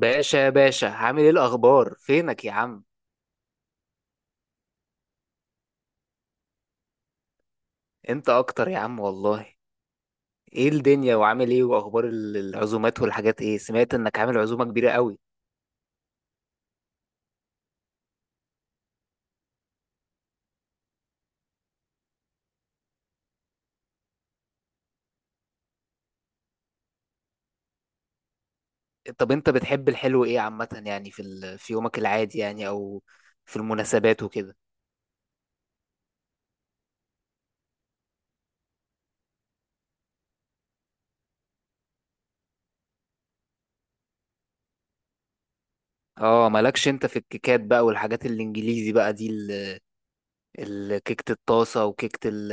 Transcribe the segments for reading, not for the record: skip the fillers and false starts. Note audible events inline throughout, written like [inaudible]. باشا باشا، عامل ايه الاخبار؟ فينك يا عم؟ انت اكتر يا عم والله. ايه الدنيا وعامل ايه؟ واخبار العزومات والحاجات، ايه؟ سمعت انك عامل عزومة كبيرة قوي. طب انت بتحب الحلو ايه عامة؟ يعني في ال... في يومك العادي يعني او في المناسبات وكده؟ اه مالكش انت في الكيكات بقى والحاجات الانجليزي بقى دي، ال... كيكة الطاسة وكيكة ال...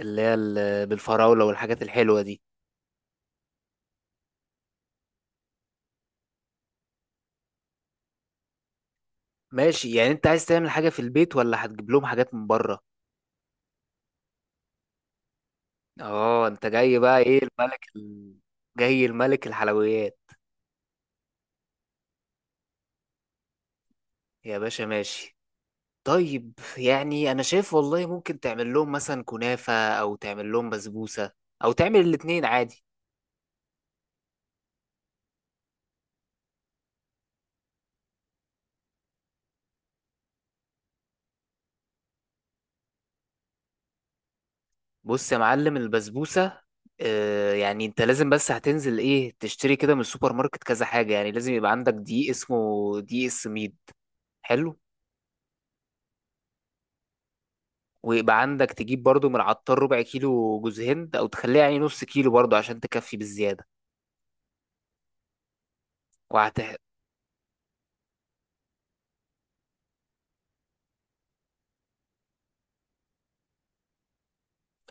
اللي هي ال... بالفراولة والحاجات الحلوة دي. ماشي، يعني انت عايز تعمل حاجة في البيت ولا هتجيب لهم حاجات من بره؟ اه، انت جاي بقى ايه الملك ال... جاي الملك الحلويات. يا باشا ماشي. طيب، يعني انا شايف والله ممكن تعمل لهم مثلا كنافة او تعمل لهم بسبوسة، او تعمل الاتنين عادي. بص يا معلم البسبوسة، آه يعني انت لازم بس هتنزل ايه تشتري كده من السوبر ماركت كذا حاجة، يعني لازم يبقى عندك دقيق اسمه دقيق السميد. حلو. ويبقى عندك تجيب برضو من العطار ربع كيلو جوز هند، او تخليها يعني نص كيلو برضو عشان تكفي بالزيادة. وهت...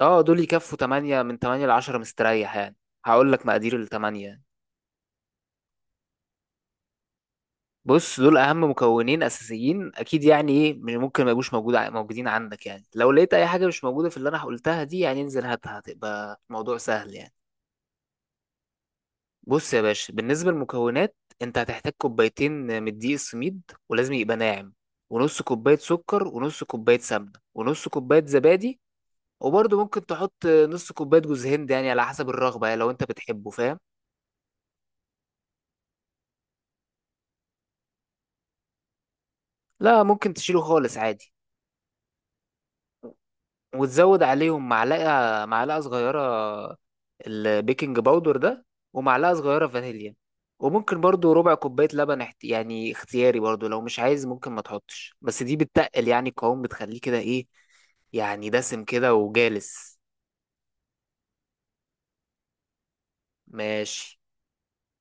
اه دول يكفوا 8، من 8 ل 10 مستريح يعني. هقول لك مقادير الثمانية يعني. بص، دول اهم مكونين اساسيين اكيد، يعني ايه ممكن ما يبقوش موجودين عندك، يعني لو لقيت اي حاجة مش موجودة في اللي انا قلتها دي، يعني انزل هاتها، هتبقى موضوع سهل يعني. بص يا باشا، بالنسبة للمكونات، انت هتحتاج كوبايتين من الدقيق السميد، ولازم يبقى ناعم، ونص كوباية سكر، ونص كوباية سمنة، ونص كوباية زبادي. وبرضه ممكن تحط نص كوباية جوز هند يعني على حسب الرغبة، يعني لو انت بتحبه فاهم. لا ممكن تشيله خالص عادي. وتزود عليهم معلقة صغيرة البيكنج باودر ده، ومعلقة صغيرة فانيليا. وممكن برضو ربع كوباية لبن احت... يعني اختياري برضو، لو مش عايز ممكن ما تحطش، بس دي بتتقل يعني القوام، بتخليه كده ايه، يعني دسم كده وجالس. ماشي.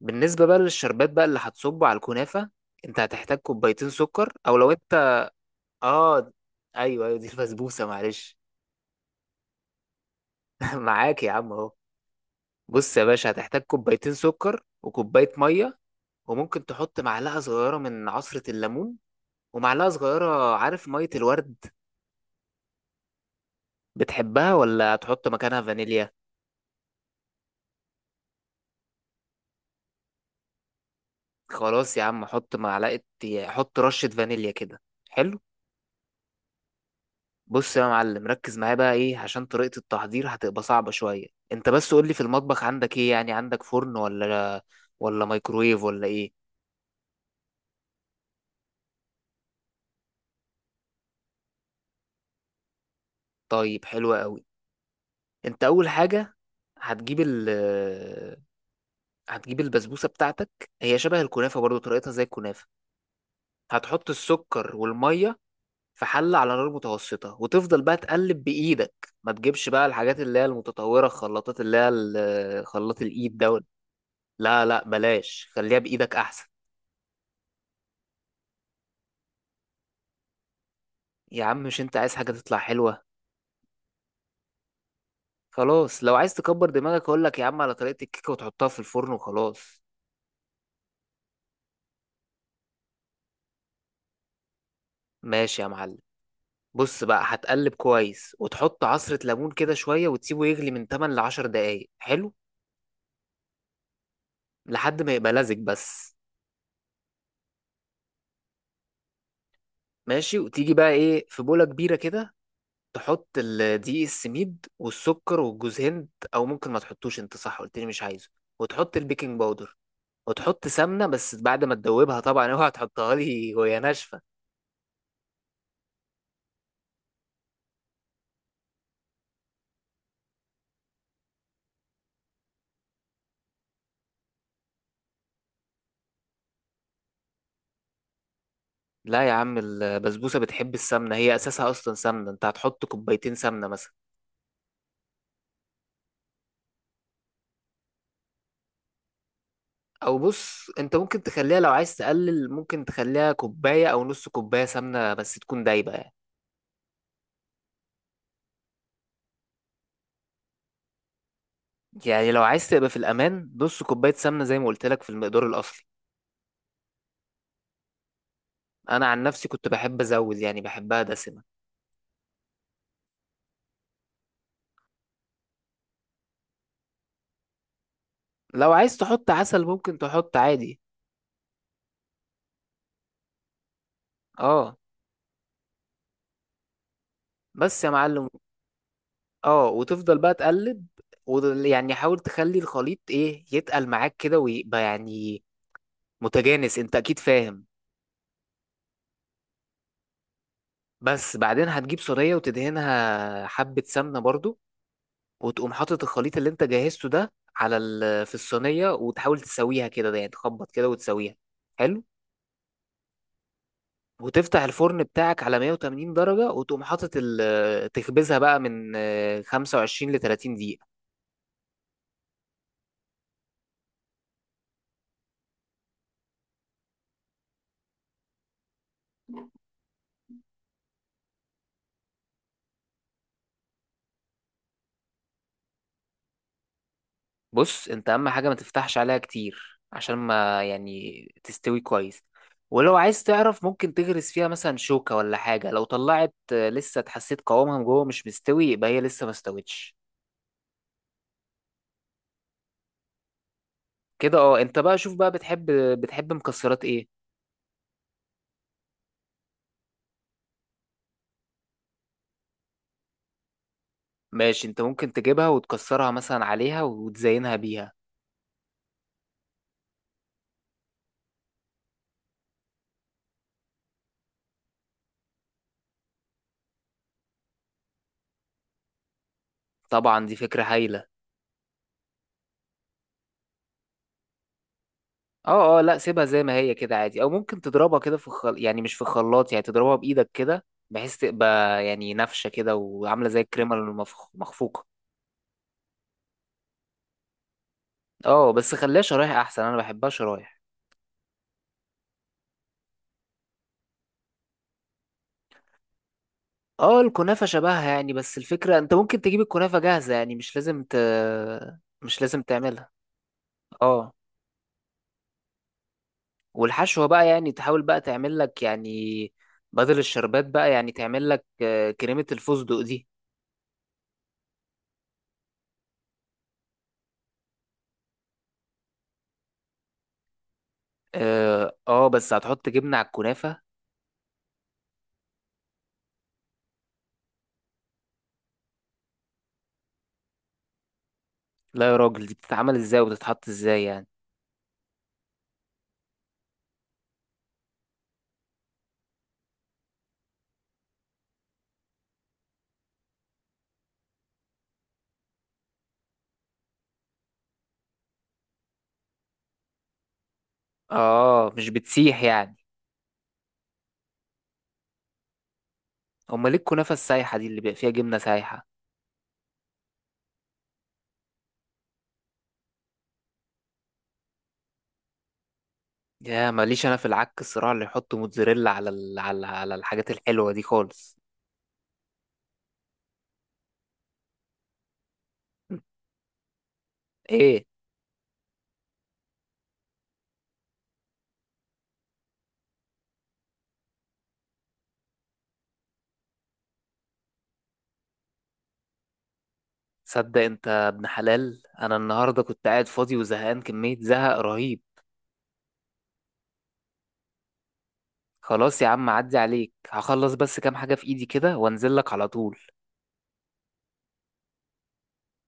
بالنسبة بقى للشربات بقى اللي هتصبه على الكنافة، انت هتحتاج كوبايتين سكر، او لو انت اه ايوه ايوه، دي البسبوسة معلش. [laughs] معاك يا عم اهو. بص يا باشا، هتحتاج كوبايتين سكر وكوباية مية، وممكن تحط معلقة صغيرة من عصرة الليمون، ومعلقة صغيرة عارف، مية الورد. بتحبها ولا هتحط مكانها فانيليا؟ خلاص يا عم، حط معلقة، حط رشة فانيليا كده. حلو. بص يا معلم، ركز معايا بقى ايه، عشان طريقة التحضير هتبقى صعبة شوية. انت بس قولي في المطبخ عندك ايه؟ يعني عندك فرن ولا مايكرويف ولا ايه؟ طيب حلو قوي. انت اول حاجة هتجيب هتجيب البسبوسة بتاعتك، هي شبه الكنافة برضو، طريقتها زي الكنافة. هتحط السكر والمية في حلة على نار متوسطة، وتفضل بقى تقلب بإيدك، ما تجيبش بقى الحاجات اللي هي المتطورة، الخلاطات اللي هي خلاط الإيد دول. لا لا بلاش، خليها بإيدك أحسن. يا عم مش أنت عايز حاجة تطلع حلوة؟ خلاص لو عايز تكبر دماغك أقول لك يا عم على طريقة الكيكة وتحطها في الفرن وخلاص. ماشي يا معلم. بص بقى، هتقلب كويس وتحط عصرة ليمون كده شوية، وتسيبه يغلي من 8 ل 10 دقايق. حلو. لحد ما يبقى لزج بس. ماشي. وتيجي بقى ايه في بولة كبيرة كده، تحط دقيق السميد والسكر والجوز هند، او ممكن ما تحطوش، انت صح قلت لي مش عايزه. وتحط البيكنج باودر، وتحط سمنة بس بعد ما تدوبها طبعا. [laughs] اوعى تحطها لي وهي ناشفة. لا يا عم البسبوسة بتحب السمنة، هي اساسها اصلا سمنة، انت هتحط كوبايتين سمنة مثلا. او بص، انت ممكن تخليها لو عايز تقلل، ممكن تخليها كوباية او نص كوباية سمنة بس تكون دايبة يعني. يعني لو عايز تبقى في الأمان، نص كوباية سمنة زي ما قلت لك في المقدار الأصلي. أنا عن نفسي كنت بحب أزود، يعني بحبها دسمة. لو عايز تحط عسل ممكن تحط عادي. اه، بس يا معلم. اه، وتفضل بقى تقلب، ويعني حاول تخلي الخليط ايه يتقل معاك كده، ويبقى يعني متجانس، انت اكيد فاهم. بس بعدين هتجيب صينية وتدهنها حبة سمنة برضو، وتقوم حاطط الخليط اللي انت جهزته ده على ال... في الصينية، وتحاول تسويها كده يعني، تخبط كده وتسويها. حلو. وتفتح الفرن بتاعك على 180 درجة، وتقوم حاطط تخبزها بقى من 25 ل 30 دقيقة. بص انت، اهم حاجة ما تفتحش عليها كتير عشان ما يعني تستوي كويس. ولو عايز تعرف، ممكن تغرس فيها مثلا شوكة ولا حاجة، لو طلعت لسه اتحسيت قوامها من جوه مش مستوي، يبقى هي لسه ما استوتش. كده اه. انت بقى شوف بقى، بتحب مكسرات ايه؟ ماشي، انت ممكن تجيبها وتكسرها مثلا عليها وتزينها بيها. طبعا دي فكرة هايلة. اه اه، لا سيبها زي ما هي كده عادي، او ممكن تضربها كده في الخل... يعني مش في الخلاط، يعني تضربها بايدك كده، بحيث تبقى يعني نافشه كده، وعامله زي الكريمه المخفوقه. اه بس خليها شرايح احسن، انا بحبها شرايح. اه الكنافه شبهها يعني، بس الفكره انت ممكن تجيب الكنافه جاهزه يعني، مش لازم ت... مش لازم تعملها. اه والحشوه بقى، يعني تحاول بقى تعمل لك يعني، بدل الشربات بقى، يعني تعمل لك كريمه الفستق دي. اه بس هتحط جبنه على الكنافه؟ لا يا راجل دي بتتعمل ازاي وبتتحط ازاي يعني؟ اه مش بتسيح يعني؟ امال ليه الكنافه السايحه دي اللي بيبقى فيها جبنه سايحه؟ يا ماليش انا في العك الصراع اللي يحط موتزاريلا على ال... على الحاجات الحلوه دي خالص. ايه؟ صدق انت يا ابن حلال، انا النهارده كنت قاعد فاضي وزهقان كميه زهق رهيب. خلاص يا عم، عدي عليك هخلص بس كام حاجه في ايدي كده وانزل لك على طول.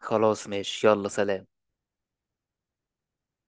خلاص ماشي، يلا سلام.